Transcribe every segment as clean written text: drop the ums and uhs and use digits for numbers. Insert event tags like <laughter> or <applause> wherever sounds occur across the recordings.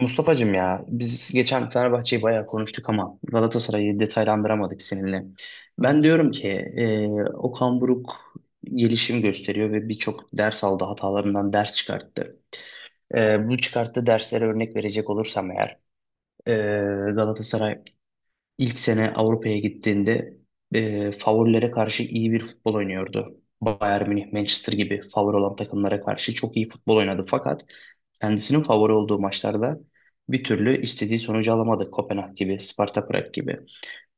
Mustafa'cığım ya biz geçen Fenerbahçe'yi bayağı konuştuk ama Galatasaray'ı detaylandıramadık seninle. Ben diyorum ki e, Okan Buruk gelişim gösteriyor ve birçok ders aldı hatalarından ders çıkarttı. Bu çıkarttığı derslere örnek verecek olursam eğer e, Galatasaray İlk sene Avrupa'ya gittiğinde favorilere karşı iyi bir futbol oynuyordu. Bayern Münih, Manchester gibi favori olan takımlara karşı çok iyi futbol oynadı. Fakat kendisinin favori olduğu maçlarda bir türlü istediği sonucu alamadı. Kopenhag gibi, Sparta Prag gibi.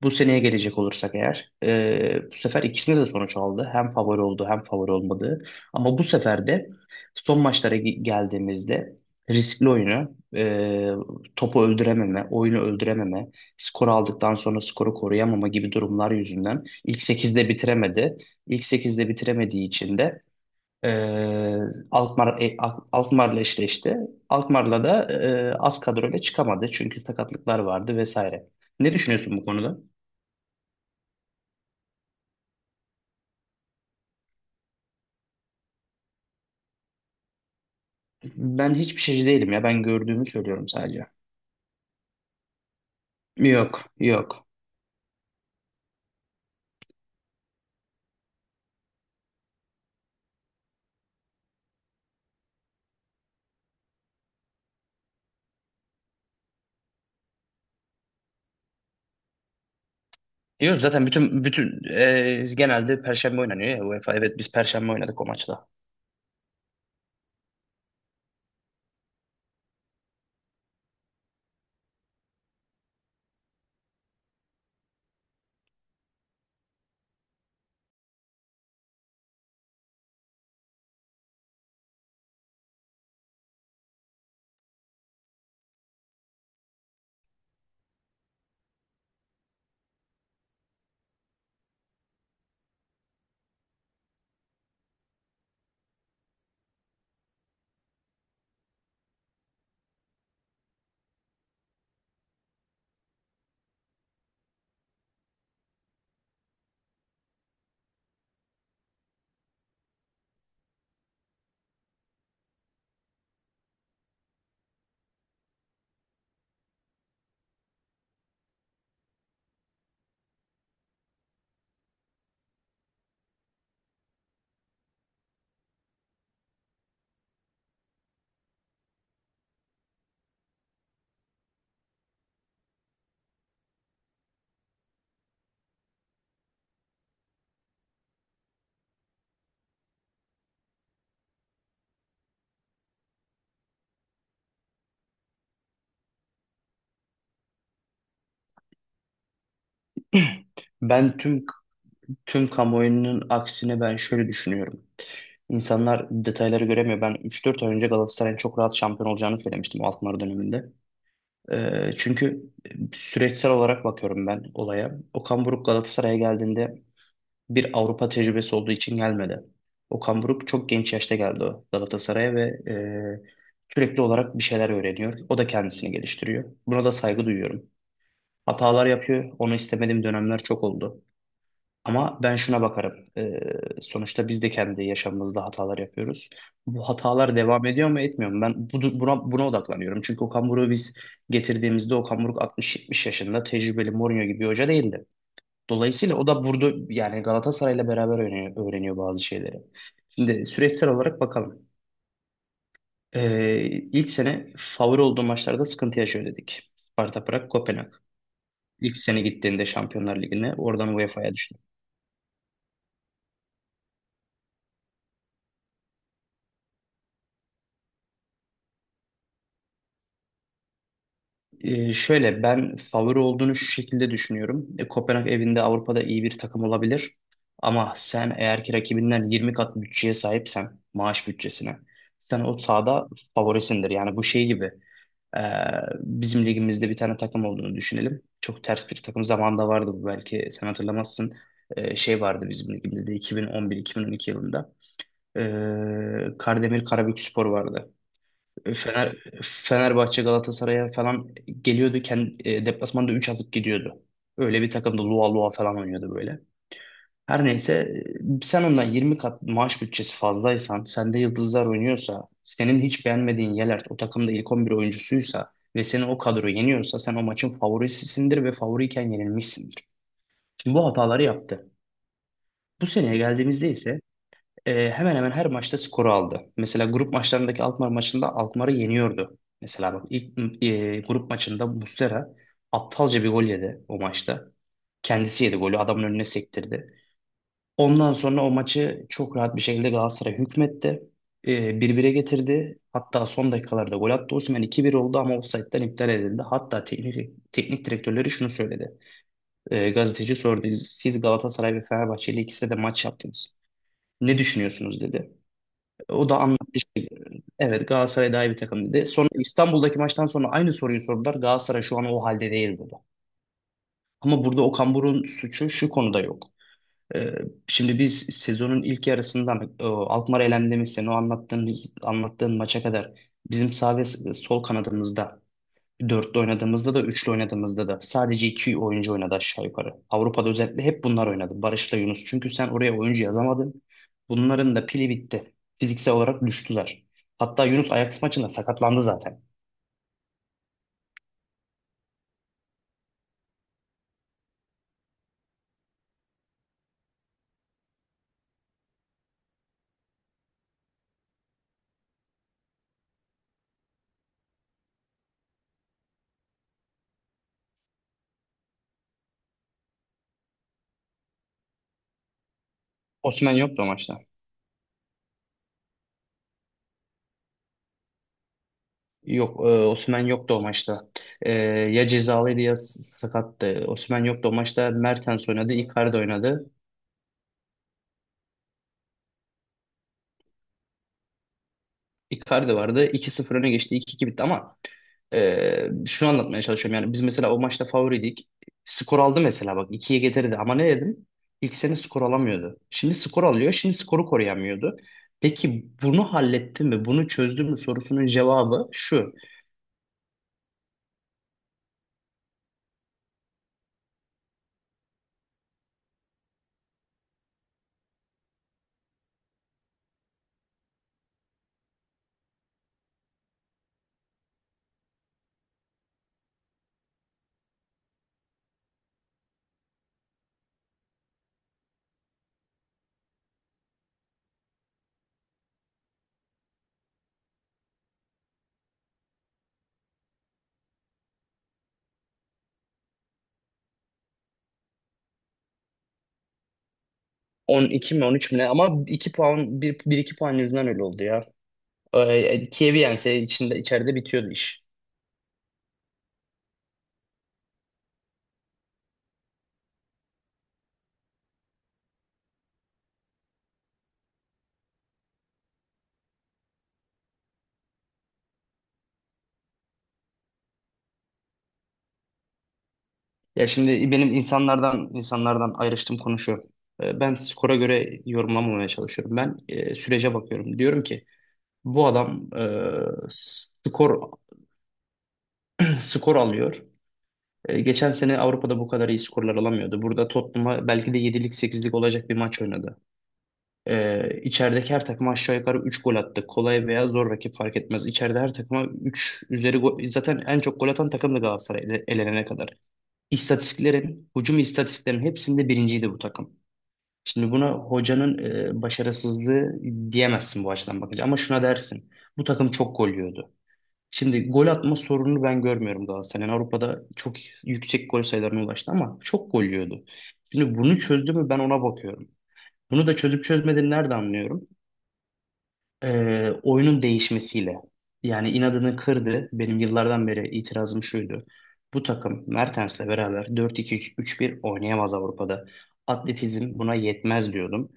Bu seneye gelecek olursak eğer bu sefer ikisinde de sonuç aldı. Hem favori oldu hem favori olmadı. Ama bu sefer de son maçlara geldiğimizde riskli oyunu, topu öldürememe, oyunu öldürememe, skoru aldıktan sonra skoru koruyamama gibi durumlar yüzünden ilk sekizde bitiremedi. İlk sekizde bitiremediği için de e, Alkmaar, Alkmaar'la eşleşti. Alkmaar'la da az kadroyla çıkamadı çünkü sakatlıklar vardı vesaire. Ne düşünüyorsun bu konuda? Ben hiçbir şeyci değilim ya. Ben gördüğümü söylüyorum sadece. Yok, yok. Diyoruz zaten bütün genelde Perşembe oynanıyor ya UEFA. Evet biz Perşembe oynadık o maçta. <clears throat> Ben tüm kamuoyunun aksine ben şöyle düşünüyorum. İnsanlar detayları göremiyor. Ben 3-4 ay önce Galatasaray'ın çok rahat şampiyon olacağını söylemiştim o altınları döneminde. Çünkü süreçsel olarak bakıyorum ben olaya. Okan Buruk Galatasaray'a geldiğinde bir Avrupa tecrübesi olduğu için gelmedi. Okan Buruk çok genç yaşta geldi o Galatasaray'a ve sürekli olarak bir şeyler öğreniyor. O da kendisini geliştiriyor. Buna da saygı duyuyorum. Hatalar yapıyor. Onu istemediğim dönemler çok oldu. Ama ben şuna bakarım. Sonuçta biz de kendi yaşamımızda hatalar yapıyoruz. Bu hatalar devam ediyor mu etmiyor mu? Ben buna odaklanıyorum. Çünkü Okan Buruk'u biz getirdiğimizde Okan Buruk 60-70 yaşında tecrübeli Mourinho gibi bir hoca değildi. Dolayısıyla o da burada yani Galatasaray'la beraber öğreniyor, öğreniyor bazı şeyleri. Şimdi süreçsel olarak bakalım. Ee, ilk sene favori olduğu maçlarda sıkıntı yaşıyor dedik. Sparta Prag, Kopenhag. İlk sene gittiğinde Şampiyonlar Ligi'ne oradan UEFA'ya düştü. Şöyle ben favori olduğunu şu şekilde düşünüyorum. Kopenhag evinde Avrupa'da iyi bir takım olabilir. Ama sen eğer ki rakibinden 20 kat bütçeye sahipsen, maaş bütçesine, sen o sahada favorisindir. Yani bu şey gibi. Ee, bizim ligimizde bir tane takım olduğunu düşünelim. Çok ters bir takım zamanında vardı bu belki sen hatırlamazsın. Şey vardı bizim ligimizde 2011-2012 yılında. Kardemir Karabükspor vardı. Ee, Fener, Fenerbahçe Galatasaray'a falan geliyordu. Kendi, deplasmanda 3 atıp gidiyordu. Öyle bir takımda Lua Lua falan oynuyordu böyle. Her neyse, sen ondan 20 kat maaş bütçesi fazlaysan, sende yıldızlar oynuyorsa, senin hiç beğenmediğin Yelert o takımda ilk 11 oyuncusuysa ve seni o kadro yeniyorsa sen o maçın favorisisindir ve favoriyken yenilmişsindir. Şimdi bu hataları yaptı. Bu seneye geldiğimizde ise hemen hemen her maçta skoru aldı. Mesela grup maçlarındaki Alkmaar maçında Alkmaar'ı yeniyordu. Mesela bak ilk grup maçında Muslera aptalca bir gol yedi o maçta. Kendisi yedi golü adamın önüne sektirdi. Ondan sonra o maçı çok rahat bir şekilde Galatasaray hükmetti. Ee, 1-1'e getirdi. Hatta son dakikalarda gol attı. Osimhen 2-1 oldu ama offside'den iptal edildi. Hatta teknik direktörleri şunu söyledi. Gazeteci sordu. Siz Galatasaray ve Fenerbahçe ile ikisi de maç yaptınız. Ne düşünüyorsunuz dedi. O da anlattı. Evet Galatasaray daha iyi bir takım dedi. Sonra İstanbul'daki maçtan sonra aynı soruyu sordular. Galatasaray şu an o halde değil dedi. Ama burada Okan Buruk'un suçu şu konuda yok. Ee, Şimdi biz sezonun ilk yarısından Alkmaar elendiğimiz sene o anlattığın maça kadar bizim sağ ve sol kanadımızda dörtlü oynadığımızda da üçlü oynadığımızda da sadece iki oyuncu oynadı aşağı yukarı. Avrupa'da özellikle hep bunlar oynadı. Barış'la Yunus. Çünkü sen oraya oyuncu yazamadın. Bunların da pili bitti. Fiziksel olarak düştüler. Hatta Yunus Ajax maçında sakatlandı zaten. Osman yoktu o maçta. Yok, Osimhen yoktu o maçta. E, ya cezalıydı ya sakattı. Osimhen yoktu o maçta. Mertens oynadı, Icardi oynadı. Icardi vardı. 2-0 öne geçti, 2-2 bitti ama şunu anlatmaya çalışıyorum. Yani biz mesela o maçta favoriydik. Skor aldı mesela bak ikiye getirdi ama ne dedim? İlk sene skor alamıyordu. Şimdi skor alıyor, şimdi skoru koruyamıyordu. Peki bunu halletti mi, bunu çözdü mü sorusunun cevabı şu. On iki mi on üç mi ne? Ama 2 puan, bir iki puan yüzünden öyle oldu ya. Kiev'i yense içeride bitiyordu iş. Ya şimdi benim insanlardan ayrıştığım konu şu. Ben skora göre yorumlamamaya çalışıyorum. Ben sürece bakıyorum. Diyorum ki bu adam skor <clears throat> skor alıyor. E, geçen sene Avrupa'da bu kadar iyi skorlar alamıyordu. Burada Tottenham'a belki de yedilik sekizlik olacak bir maç oynadı. E, içerideki her takıma aşağı yukarı 3 gol attı. Kolay veya zor rakip fark etmez. İçeride her takıma 3 üzeri gol. Zaten en çok gol atan takım da Galatasaray elenene kadar. Hücum istatistiklerin hepsinde birinciydi bu takım. Şimdi buna hocanın başarısızlığı diyemezsin bu açıdan bakınca. Ama şuna dersin. Bu takım çok gol yiyordu. Şimdi gol atma sorununu ben görmüyorum Galatasaray'ın. Avrupa'da çok yüksek gol sayılarına ulaştı ama çok gol yiyordu. Şimdi bunu çözdü mü ben ona bakıyorum. Bunu da çözüp çözmediğini nerede anlıyorum? Oyunun değişmesiyle. Yani inadını kırdı. Benim yıllardan beri itirazım şuydu. Bu takım Mertens'le beraber 4 2 üç bir oynayamaz Avrupa'da. Atletizm buna yetmez diyordum.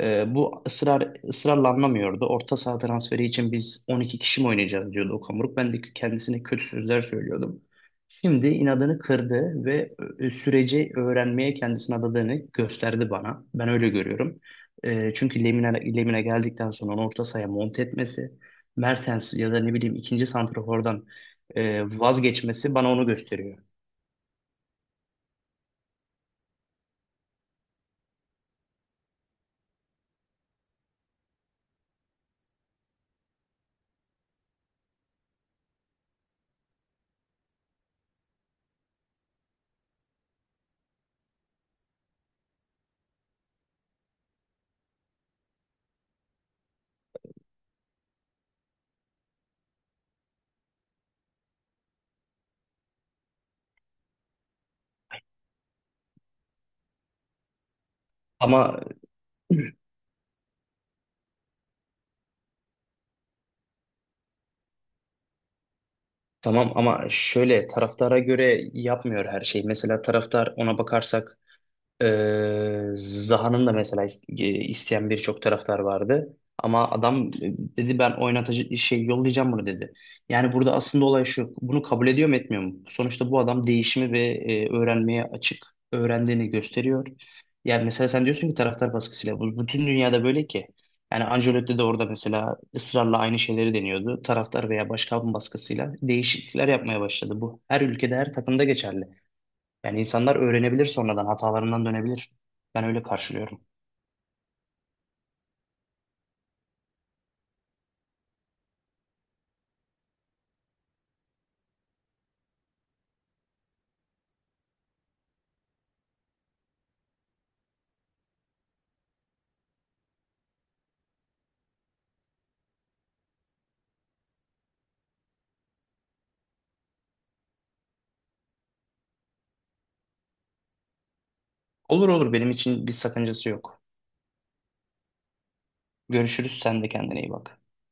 Bu ısrarla anlamıyordu. Orta saha transferi için biz 12 kişi mi oynayacağız diyordu Okan Buruk. Ben de kendisine kötü sözler söylüyordum. Şimdi inadını kırdı ve süreci öğrenmeye kendisini adadığını gösterdi bana. Ben öyle görüyorum. Çünkü Lemine geldikten sonra onu orta sahaya monte etmesi, Mertens ya da ne bileyim ikinci santrafordan vazgeçmesi bana onu gösteriyor. Ama tamam, ama şöyle taraftara göre yapmıyor her şeyi. Mesela taraftar ona bakarsak Zaha'nın da mesela isteyen birçok taraftar vardı. Ama adam dedi ben oynatıcı şey yollayacağım bunu dedi. Yani burada aslında olay şu. Bunu kabul ediyor mu etmiyor mu? Sonuçta bu adam değişimi ve öğrenmeye açık. Öğrendiğini gösteriyor. Yani mesela sen diyorsun ki taraftar baskısıyla. Bu bütün dünyada böyle ki. Yani Ancelotti de orada mesela ısrarla aynı şeyleri deniyordu. Taraftar veya başkan baskısıyla değişiklikler yapmaya başladı. Bu her ülkede her takımda geçerli. Yani insanlar öğrenebilir sonradan, hatalarından dönebilir. Ben öyle karşılıyorum. Olur olur benim için bir sakıncası yok. Görüşürüz, sen de kendine iyi bak.